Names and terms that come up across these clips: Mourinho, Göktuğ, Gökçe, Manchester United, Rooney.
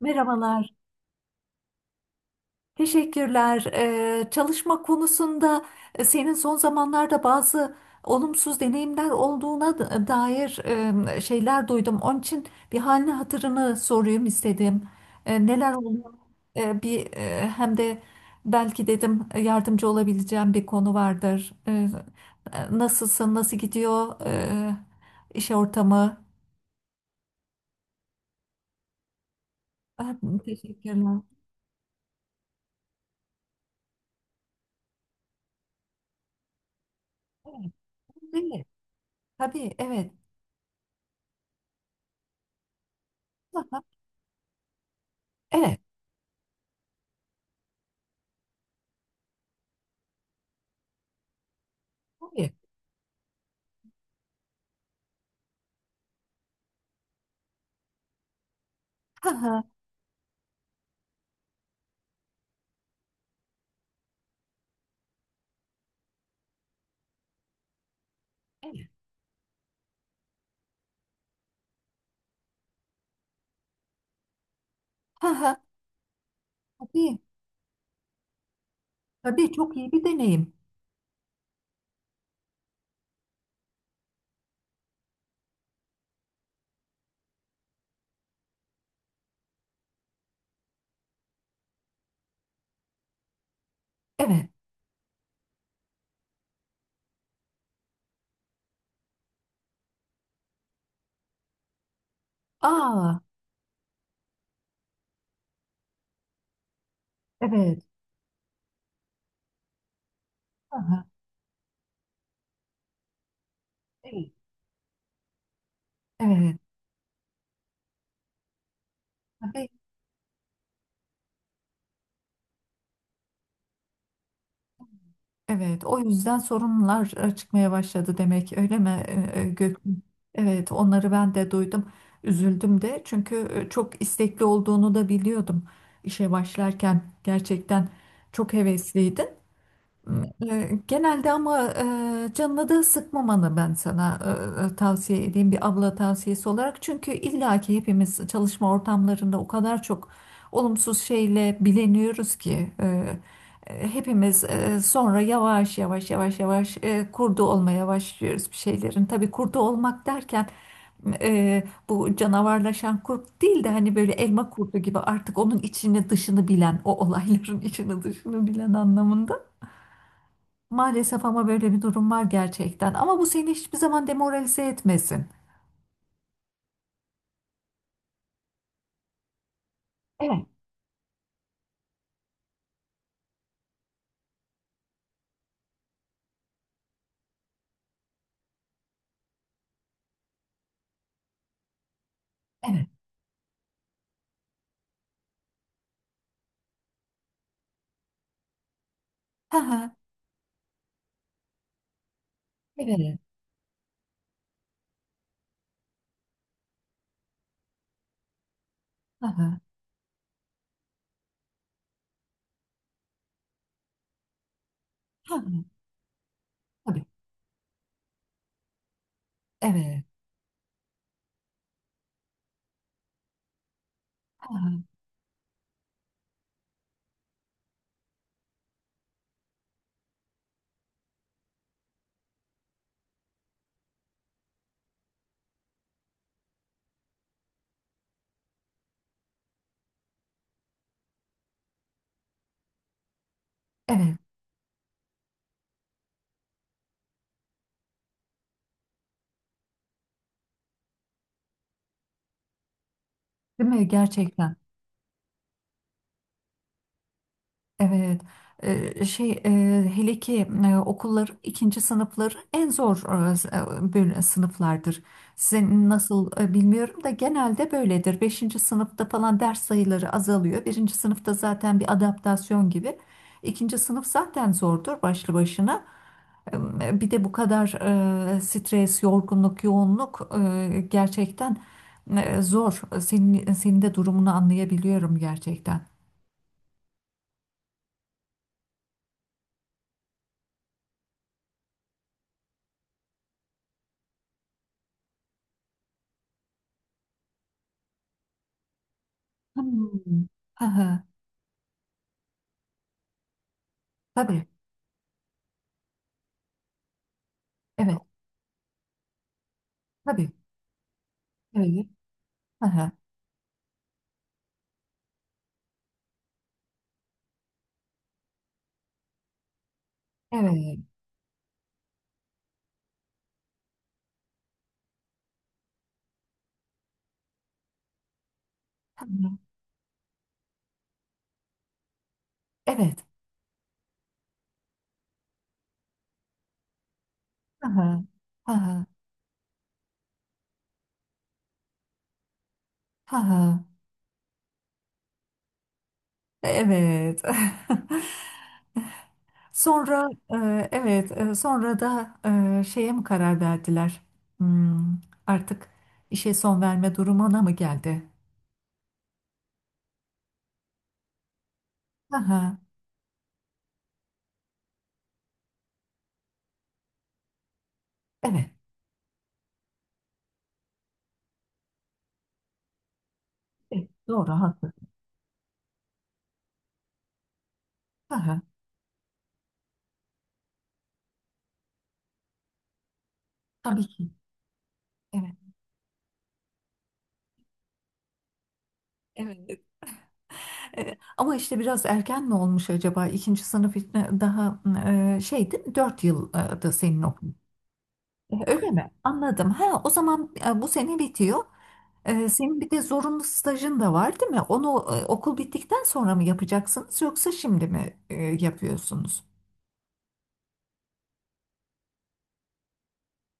Merhabalar, teşekkürler. Çalışma konusunda senin son zamanlarda bazı olumsuz deneyimler olduğuna dair şeyler duydum. Onun için bir halini hatırını sorayım istedim. Neler oluyor? Bir hem de belki dedim yardımcı olabileceğim bir konu vardır. Nasılsın? Nasıl gidiyor iş ortamı? E, Teşekkürler. Evet, değil mi? Tabii, evet. Aha, evet. Tabii. Ha ha. Ha ha. Tabii. Tabii, çok iyi bir deneyim. Evet. Aa, evet. Ha ha. Evet. Evet. Tabii. Evet. O yüzden sorunlar çıkmaya başladı demek. Öyle mi Gökçe? Evet. Onları ben de duydum. Üzüldüm de. Çünkü çok istekli olduğunu da biliyordum. İşe başlarken gerçekten çok hevesliydin. Genelde ama canına da sıkmamanı ben sana tavsiye edeyim, bir abla tavsiyesi olarak. Çünkü illaki hepimiz çalışma ortamlarında o kadar çok olumsuz şeyle bileniyoruz ki hepimiz sonra yavaş yavaş yavaş yavaş kurdu olmaya başlıyoruz bir şeylerin. Tabii kurdu olmak derken bu canavarlaşan kurt değil de hani böyle elma kurdu gibi artık onun içini dışını bilen, o olayların içini dışını bilen anlamında. Maalesef ama böyle bir durum var gerçekten. Ama bu seni hiçbir zaman demoralize etmesin. Evet, evet. Ha ha, evet. Ha ha, ha. Tabii. Evet. Ha ha, evet. Değil mi? Gerçekten. Evet. Şey, hele ki okullar, ikinci sınıfları en zor sınıflardır. Sizin nasıl bilmiyorum da genelde böyledir. Beşinci sınıfta falan ders sayıları azalıyor. Birinci sınıfta zaten bir adaptasyon gibi. İkinci sınıf zaten zordur başlı başına. Bir de bu kadar stres, yorgunluk, yoğunluk gerçekten zor. Senin de durumunu anlayabiliyorum gerçekten. Hmm. Hı, tabii, evet, tabii, evet, hı, evet, hı, evet, hı hı. Hı, evet. Sonra, evet, sonra da şeye mi karar verdiler? Hmm, artık işe son verme durumuna mı geldi? Evet, evet, doğru, haklı. Aha, tabii ki. Evet, evet. Ama işte biraz erken mi olmuş acaba? İkinci sınıf için daha şeydi, 4 yıldı senin okulun. Öyle mi? Anladım. Ha, o zaman bu sene bitiyor. Senin bir de zorunlu stajın da var, değil mi? Onu okul bittikten sonra mı yapacaksınız yoksa şimdi mi yapıyorsunuz?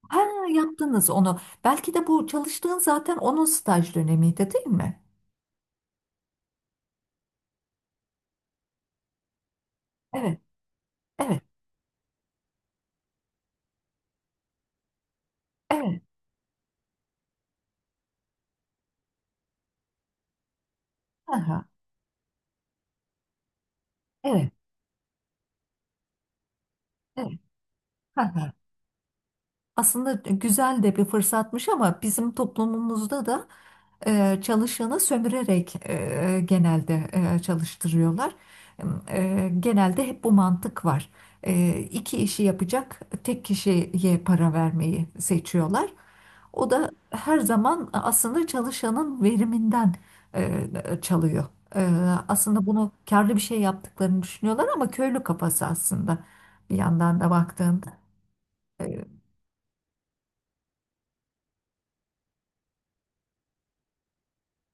Ha, yaptınız onu. Belki de bu çalıştığın zaten onun staj dönemiydi, değil mi? Evet, evet, evet. Aha, evet. Evet. Hı hı. Aslında güzel de bir fırsatmış ama bizim toplumumuzda da çalışanı sömürerek genelde çalıştırıyorlar. Genelde hep bu mantık var. İki işi yapacak tek kişiye para vermeyi seçiyorlar. O da her zaman aslında çalışanın veriminden e, çalıyor. E, Aslında bunu karlı bir şey yaptıklarını düşünüyorlar ama köylü kafası aslında bir yandan da baktığında. E,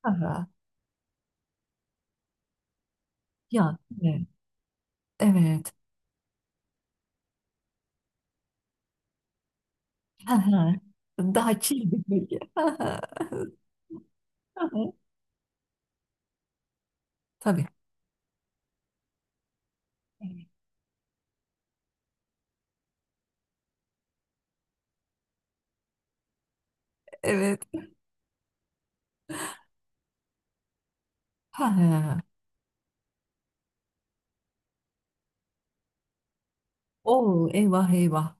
aha. Ya, evet. Evet. Hı hı. Daha chill bir bölge. Hı hı. Hı hı. Tabii. Evet. Ha. Ha. Oo, eyvah eyvah.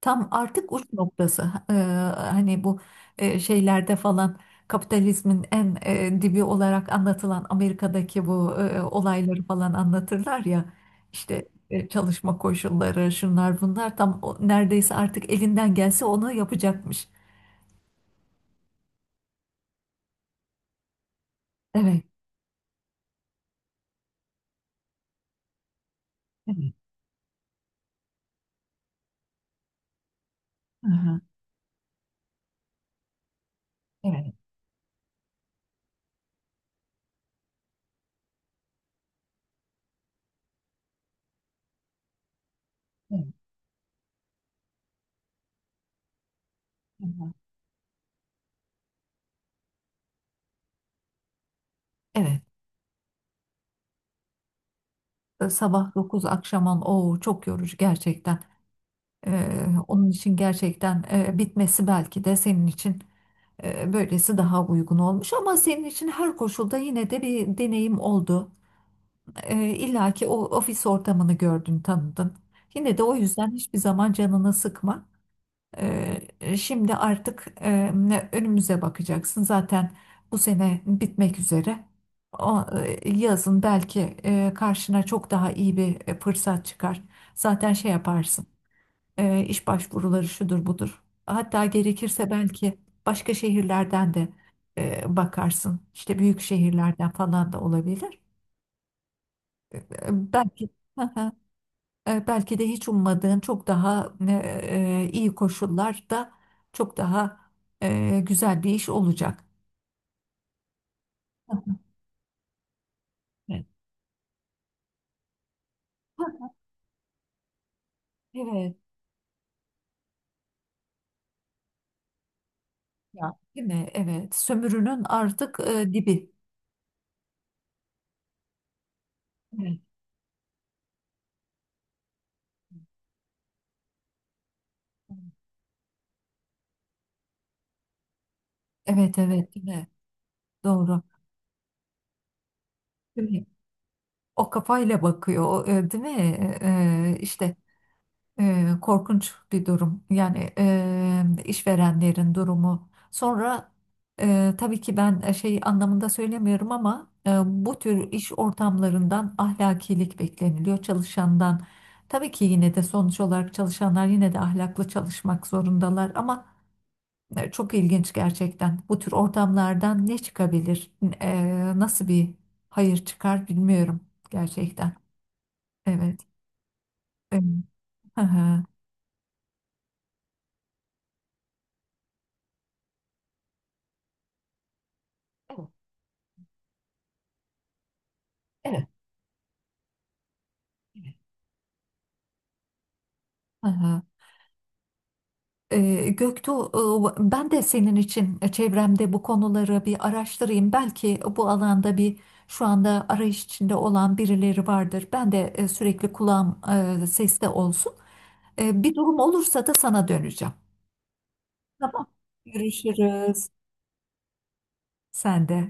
Tam artık uç noktası. Hani bu şeylerde falan kapitalizmin en dibi olarak anlatılan Amerika'daki bu olayları falan anlatırlar ya. İşte çalışma koşulları, şunlar bunlar, tam neredeyse artık elinden gelse onu yapacakmış. Evet. Evet. Hı. Evet. Evet. Evet, sabah 9 akşam 10, o çok yorucu gerçekten. Onun için gerçekten bitmesi belki de senin için böylesi daha uygun olmuş, ama senin için her koşulda yine de bir deneyim oldu. İlla ki o ofis ortamını gördün, tanıdın. Yine de o yüzden hiçbir zaman canını sıkma. Şimdi artık önümüze bakacaksın. Zaten bu sene bitmek üzere. O, yazın belki karşına çok daha iyi bir fırsat çıkar. Zaten şey yaparsın. İş başvuruları, şudur budur. Hatta gerekirse belki başka şehirlerden de bakarsın. İşte büyük şehirlerden falan da olabilir. E, belki Belki de hiç ummadığın çok daha iyi koşullarda, çok daha güzel bir iş olacak. Evet. Hah, evet. Ya. Değil mi? Evet. Sömürünün artık dibi. Evet. Evet, evet, değil mi? Doğru. Değil mi? O kafayla bakıyor, değil mi? E, işte Korkunç bir durum. Yani işverenlerin durumu. Sonra tabii ki ben şey anlamında söylemiyorum ama bu tür iş ortamlarından ahlakilik bekleniliyor çalışandan. Tabii ki yine de sonuç olarak çalışanlar yine de ahlaklı çalışmak zorundalar ama çok ilginç gerçekten. Bu tür ortamlardan ne çıkabilir? Nasıl bir hayır çıkar bilmiyorum gerçekten. Evet. Evet. Hı hı. Evet. Evet. Hı hı. Göktuğ, ben de senin için çevremde bu konuları bir araştırayım. Belki bu alanda bir, şu anda arayış içinde olan birileri vardır. Ben de sürekli kulağım seste olsun. Bir durum olursa da sana döneceğim. Tamam. Görüşürüz. Sen de.